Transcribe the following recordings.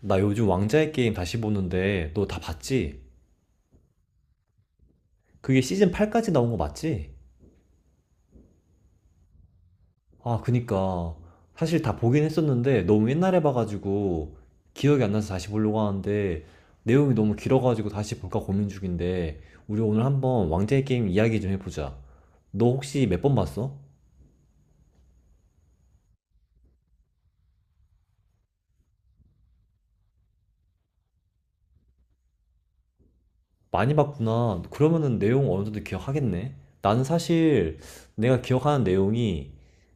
나 요즘 왕자의 게임 다시 보는데 너 다 봤지? 그게 시즌 8까지 나온 거 맞지? 아, 그니까. 사실 다 보긴 했었는데 너무 옛날에 봐가지고 기억이 안 나서 다시 보려고 하는데 내용이 너무 길어가지고 다시 볼까 고민 중인데 우리 오늘 한번 왕자의 게임 이야기 좀 해보자. 너 혹시 몇 번 봤어? 많이 봤구나. 그러면은 내용 어느 정도 기억하겠네. 나는 사실 내가 기억하는 내용이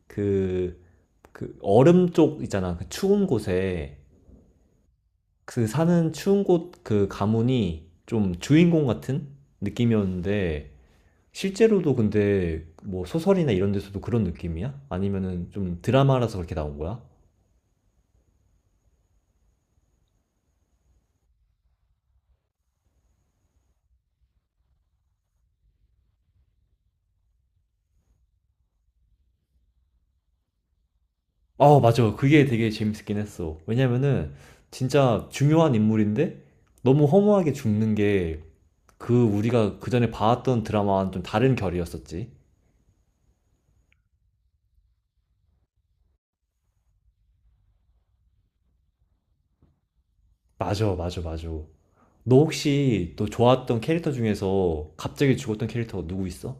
그, 그 얼음 쪽 있잖아. 그 추운 곳에 그 사는 추운 곳 그 가문이 좀 주인공 같은 느낌이었는데 실제로도 근데 뭐 소설이나 이런 데서도 그런 느낌이야? 아니면은 좀 드라마라서 그렇게 나온 거야? 아, 맞아. 그게 되게 재밌긴 했어. 왜냐면은 진짜 중요한 인물인데 너무 허무하게 죽는 게 그 우리가 그전에 봐왔던 드라마와는 좀 다른 결이었었지. 맞아, 맞아, 맞아. 너 혹시 너 좋아했던 캐릭터 중에서 갑자기 죽었던 캐릭터가 누구 있어?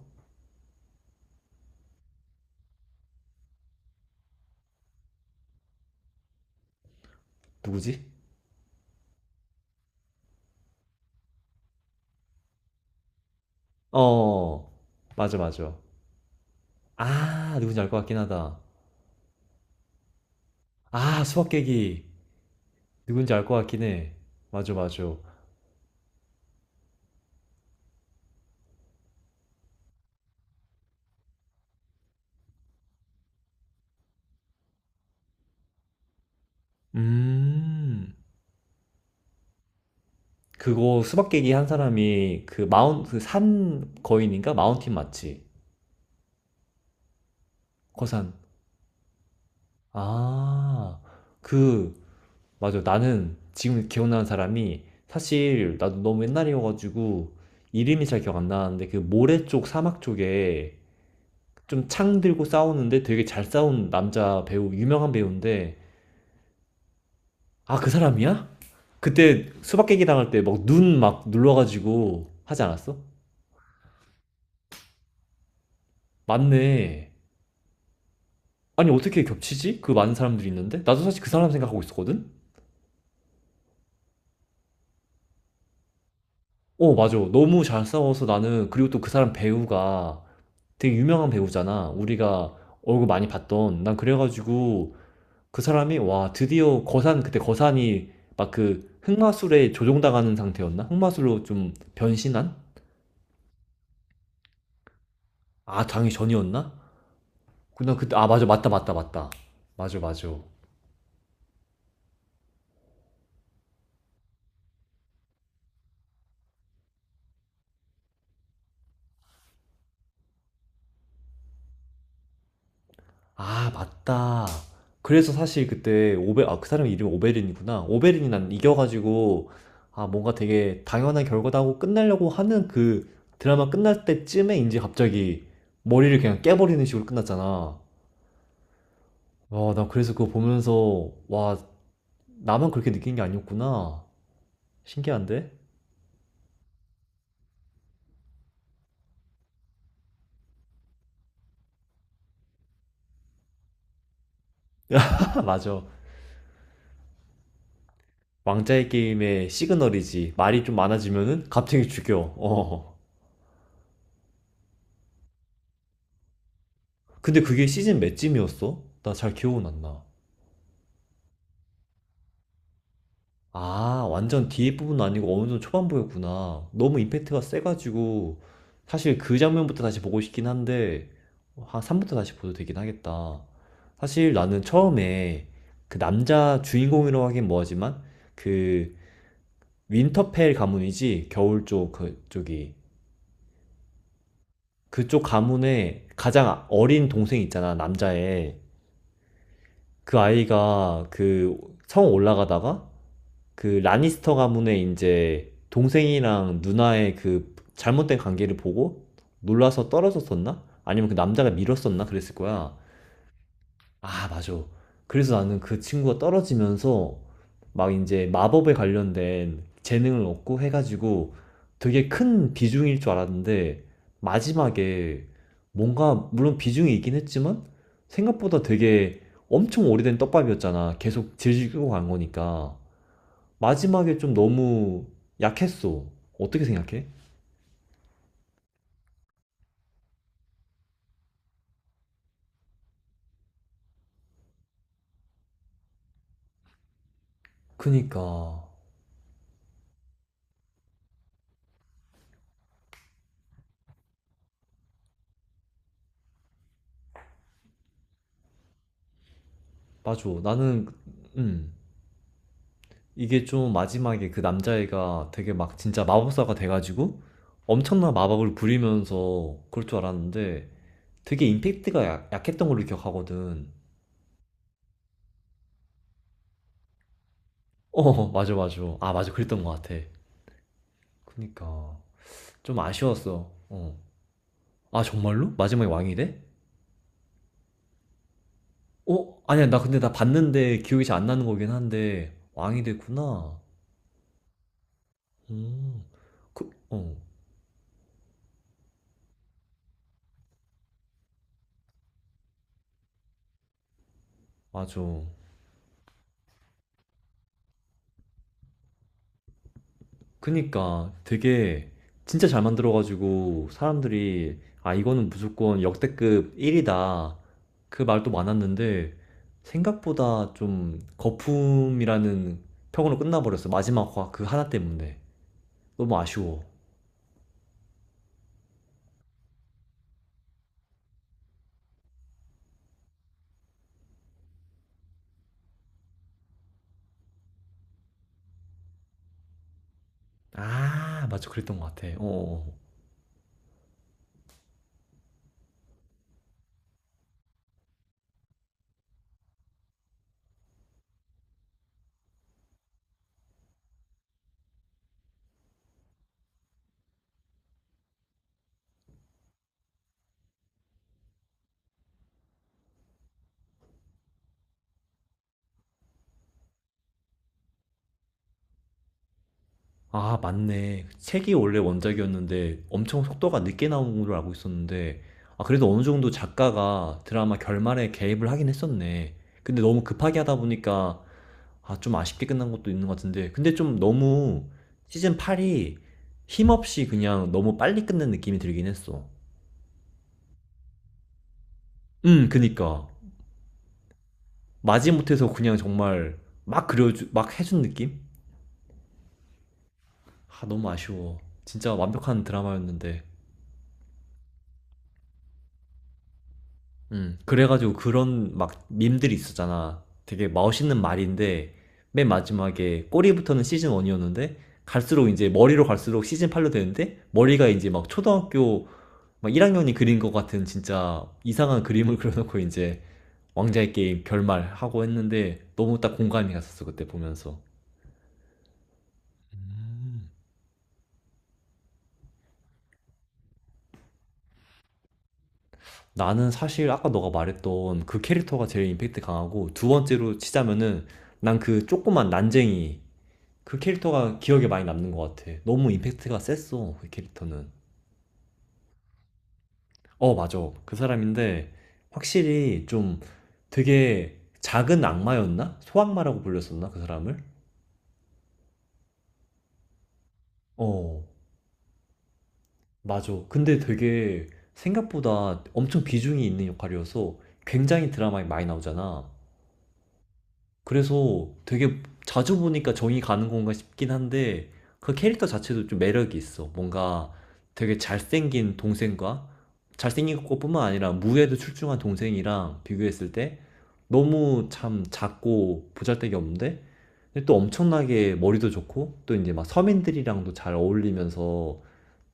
누구지? 어, 맞아, 맞아. 아, 누군지 알 것 같긴 하다. 아, 수박 깨기. 누군지 알 것 같긴 해. 맞아, 맞아. 음, 그거 수박 깨기 한 사람이 그 마운, 그 산 거인인가? 마운틴 맞지? 거산. 아, 그, 맞아. 나는 지금 기억나는 사람이 사실 나도 너무 옛날이어가지고 이름이 잘 기억 안 나는데 그 모래 쪽 사막 쪽에 좀 창 들고 싸우는데 되게 잘 싸운 남자 배우 유명한 배우인데 아, 그 사람이야? 그때 수박 깨기 당할 때 막 눈 막 눌러가지고 하지 않았어? 맞네. 아니, 어떻게 겹치지? 그 많은 사람들이 있는데 나도 사실 그 사람 생각하고 있었거든. 어, 맞아. 너무 잘 싸워서. 나는 그리고 또 그 사람 배우가 되게 유명한 배우잖아. 우리가 얼굴 많이 봤던 난 그래가지고 그 사람이. 와, 드디어 거산. 그때 거산이 막 그 흑마술에 조종당하는 상태였나? 흑마술로 좀 변신한? 아, 당일 전이었나? 그나 그때. 아, 맞아, 맞다, 맞다, 맞다. 맞아, 맞아. 아, 맞다. 그래서 사실 그때 오베. 아, 그 사람 이름이 오베린이구나. 오베린이 난 이겨가지고 아, 뭔가 되게 당연한 결과다고 끝내려고 하는 그 드라마 끝날 때쯤에 이제 갑자기 머리를 그냥 깨버리는 식으로 끝났잖아. 와, 나 그래서 그거 보면서 와, 나만 그렇게 느낀 게 아니었구나. 신기한데. 아, 맞아. 왕자의 게임의 시그널이지. 말이 좀 많아지면은 갑자기 죽여. 어, 근데 그게 시즌 몇쯤이었어? 나 잘 기억은 안 나. 아, 완전 뒤에 부분은 아니고 어느 정도 초반부였구나. 너무 임팩트가 세가지고, 사실 그 장면부터 다시 보고 싶긴 한데, 한 3부터 다시 보도 되긴 하겠다. 사실 나는 처음에 그 남자 주인공이라고 하긴 뭐하지만, 그 윈터펠 가문이지, 겨울 쪽, 그쪽이. 그쪽 가문에 가장 어린 동생 있잖아, 남자애. 그 아이가 그 성 올라가다가 그 라니스터 가문의 이제 동생이랑 누나의 그 잘못된 관계를 보고 놀라서 떨어졌었나? 아니면 그 남자가 밀었었나? 그랬을 거야. 아, 맞아. 그래서 나는 그 친구가 떨어지면서 막 이제 마법에 관련된 재능을 얻고 해가지고 되게 큰 비중일 줄 알았는데 마지막에 뭔가 물론 비중이 있긴 했지만 생각보다 되게 엄청 오래된 떡밥이었잖아. 계속 질질 끌고 간 거니까. 마지막에 좀 너무 약했어. 어떻게 생각해? 그니까 맞아. 나는. 음, 이게 좀 마지막에 그 남자애가 되게 막 진짜 마법사가 돼가지고 엄청난 마법을 부리면서 그럴 줄 알았는데 되게 임팩트가 약했던 걸로 기억하거든. 어, 맞아, 맞아. 아, 맞아, 그랬던 것 같아. 그니까 좀 아쉬웠어. 어. 아, 정말로? 마지막에 왕이 돼? 어? 아니야, 나 근데 나 봤는데 기억이 잘 안 나는 거긴 한데 왕이 됐구나. 음, 그, 어, 맞아. 그니까 되게 진짜 잘 만들어가지고 사람들이 아, 이거는 무조건 역대급 1이다. 그 말도 많았는데 생각보다 좀 거품이라는 평으로 끝나버렸어. 마지막 화 그 하나 때문에. 너무 아쉬워. 아, 맞아. 그랬던 것 같아. 어. 어. 아, 맞네. 책이 원래 원작이었는데 엄청 속도가 늦게 나온 걸로 알고 있었는데, 아, 그래도 어느 정도 작가가 드라마 결말에 개입을 하긴 했었네. 근데 너무 급하게 하다 보니까, 아, 좀 아쉽게 끝난 것도 있는 것 같은데. 근데 좀 너무 시즌 8이 힘없이 그냥 너무 빨리 끝낸 느낌이 들긴 했어. 그니까. 마지못해서 그냥 정말 막 그려주, 막 해준 느낌? 아, 너무 아쉬워. 진짜 완벽한 드라마였는데. 그래가지고 그런 막 밈들이 있었잖아. 되게 멋있는 말인데, 맨 마지막에 꼬리부터는 시즌 1이었는데, 갈수록 이제 머리로 갈수록 시즌 8로 되는데, 머리가 이제 막 초등학교 막 1학년이 그린 것 같은 진짜 이상한 그림을 그려놓고 이제 왕자의 게임 결말하고 했는데, 너무 딱 공감이 갔었어, 그때 보면서. 나는 사실 아까 너가 말했던 그 캐릭터가 제일 임팩트 강하고, 두 번째로 치자면은, 난 그 조그만 난쟁이, 그 캐릭터가 기억에 많이 남는 것 같아. 너무 임팩트가 셌어, 그 캐릭터는. 어, 맞아. 그 사람인데, 확실히 좀 되게 작은 악마였나? 소악마라고 불렸었나? 그 사람을? 어, 맞아. 근데 되게 생각보다 엄청 비중이 있는 역할이어서 굉장히 드라마에 많이 나오잖아. 그래서 되게 자주 보니까 정이 가는 건가 싶긴 한데 그 캐릭터 자체도 좀 매력이 있어. 뭔가 되게 잘생긴 동생과 잘생긴 것뿐만 아니라 무예도 출중한 동생이랑 비교했을 때 너무 참 작고 보잘데기 없는데 근데 또 엄청나게 머리도 좋고 또 이제 막 서민들이랑도 잘 어울리면서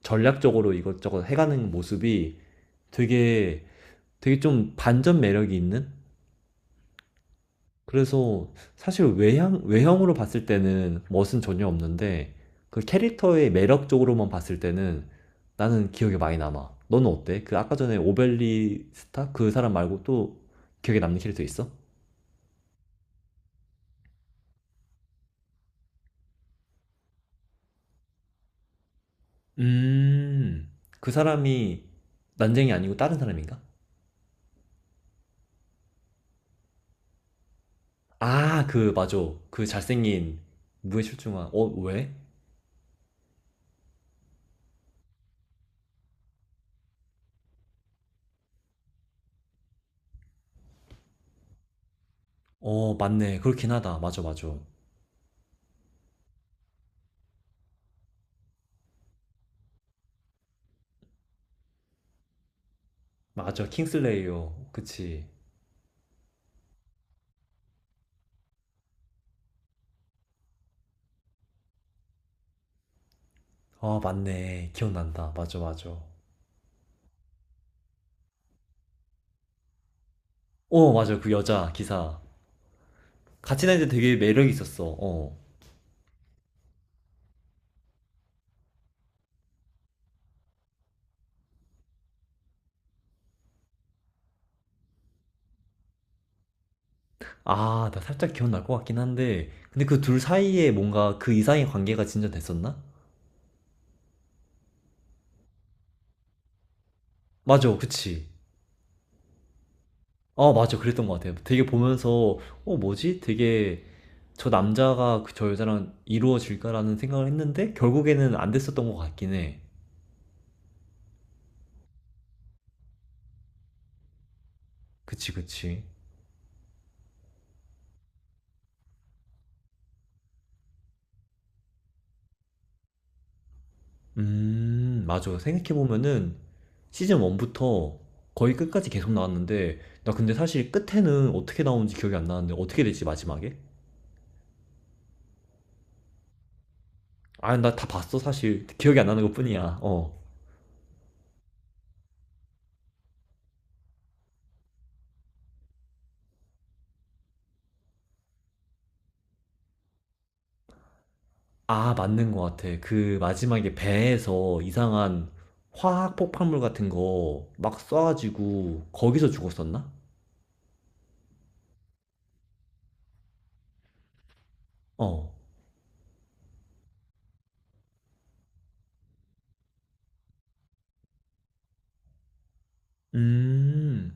전략적으로 이것저것 해가는 모습이 되게 되게 좀 반전 매력이 있는. 그래서 사실 외형으로 봤을 때는 멋은 전혀 없는데 그 캐릭터의 매력적으로만 봤을 때는 나는 기억에 많이 남아. 너는 어때? 그 아까 전에 오벨리스타 그 사람 말고 또 기억에 남는 캐릭터 있어? 음, 그 사람이 난쟁이 아니고 다른 사람인가? 아, 그, 맞아. 그 잘생긴 무에실중한, 어, 왜? 어, 맞네. 그렇긴 하다. 맞아, 맞아. 맞아. 킹슬레이어. 그치. 아, 맞네. 기억난다. 맞아, 맞아. 어, 맞아. 그 여자 기사. 같이 다니는데 되게 매력이 있었어. 어. 아, 나 살짝 기억날 것 같긴 한데. 근데 그 둘 사이에 뭔가 그 이상의 관계가 진전됐었나? 맞아. 그치. 어, 맞아. 그랬던 것 같아요. 되게 보면서, 어, 뭐지? 되게 저 남자가 그 저 여자랑 이루어질까라는 생각을 했는데, 결국에는 안 됐었던 것 같긴 해. 그치, 그치. 맞아. 생각해보면은 시즌 1부터 거의 끝까지 계속 나왔는데, 나 근데 사실 끝에는 어떻게 나오는지 기억이 안 나는데, 어떻게 되지, 마지막에? 아, 나 다 봤어, 사실. 기억이 안 나는 것 뿐이야. 어. 아, 맞는 것 같아. 그 마지막에 배에서 이상한 화학 폭발물 같은 거 막 쏴가지고, 거기서 죽었었나? 어. 음.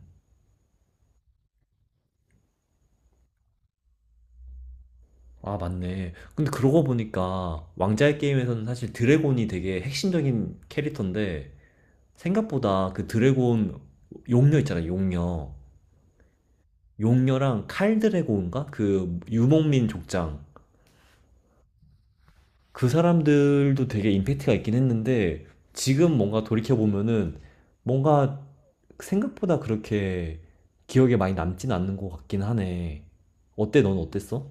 아, 맞네. 근데 그러고 보니까 왕자의 게임에서는 사실 드래곤이 되게 핵심적인 캐릭터인데, 생각보다 그 드래곤 용녀 있잖아, 용녀. 용녀랑 칼 드래곤인가? 그 유목민 족장. 그 사람들도 되게 임팩트가 있긴 했는데 지금 뭔가 돌이켜보면은 뭔가 생각보다 그렇게 기억에 많이 남진 않는 것 같긴 하네. 어때? 넌 어땠어?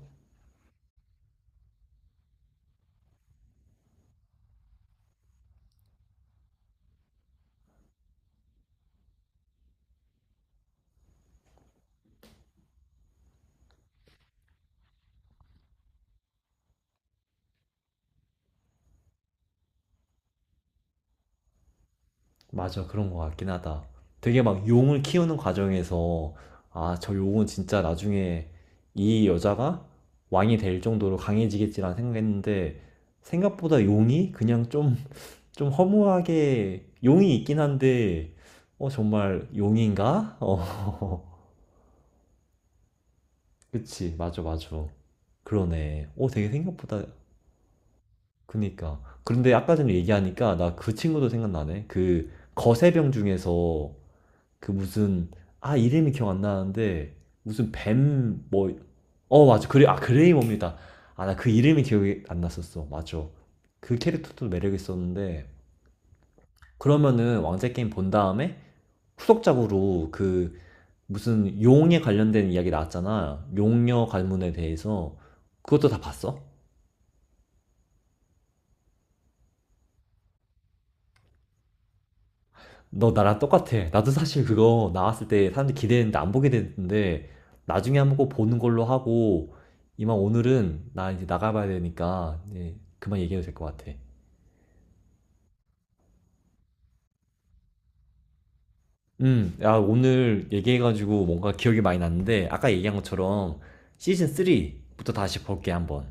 맞아, 그런 것 같긴 하다. 되게 막 용을 키우는 과정에서, 아, 저 용은 진짜 나중에 이 여자가 왕이 될 정도로 강해지겠지라는 생각했는데, 생각보다 용이 그냥 좀, 좀 허무하게, 용이 있긴 한데, 어, 정말 용인가? 어, 그치, 맞아, 맞아. 그러네. 어, 되게 생각보다, 그니까. 그런데 아까 전에 얘기하니까 나 그 친구도 생각나네. 그 거세병 중에서 그 무슨 아, 이름이 기억 안 나는데 무슨 뱀, 뭐, 어, 맞아. 그래, 아, 그레이 몹니다. 아, 나 그 이름이 기억이 안 났었어. 맞아. 그 캐릭터도 매력 있었는데 그러면은 왕좌 게임 본 다음에 후속작으로 그 무슨 용에 관련된 이야기 나왔잖아. 용녀 가문에 대해서 그것도 다 봤어? 너 나랑 똑같아. 나도 사실 그거 나왔을 때 사람들이 기대했는데 안 보게 됐는데 나중에 한번 꼭 보는 걸로 하고 이만 오늘은 나 이제 나가봐야 되니까 이제 그만 얘기해도 될 것 같아. 야 오늘 얘기해가지고 뭔가 기억이 많이 났는데 아까 얘기한 것처럼 시즌 3부터 다시 볼게 한번.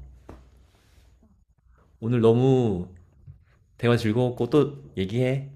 오늘 너무 대화 즐거웠고 또 얘기해.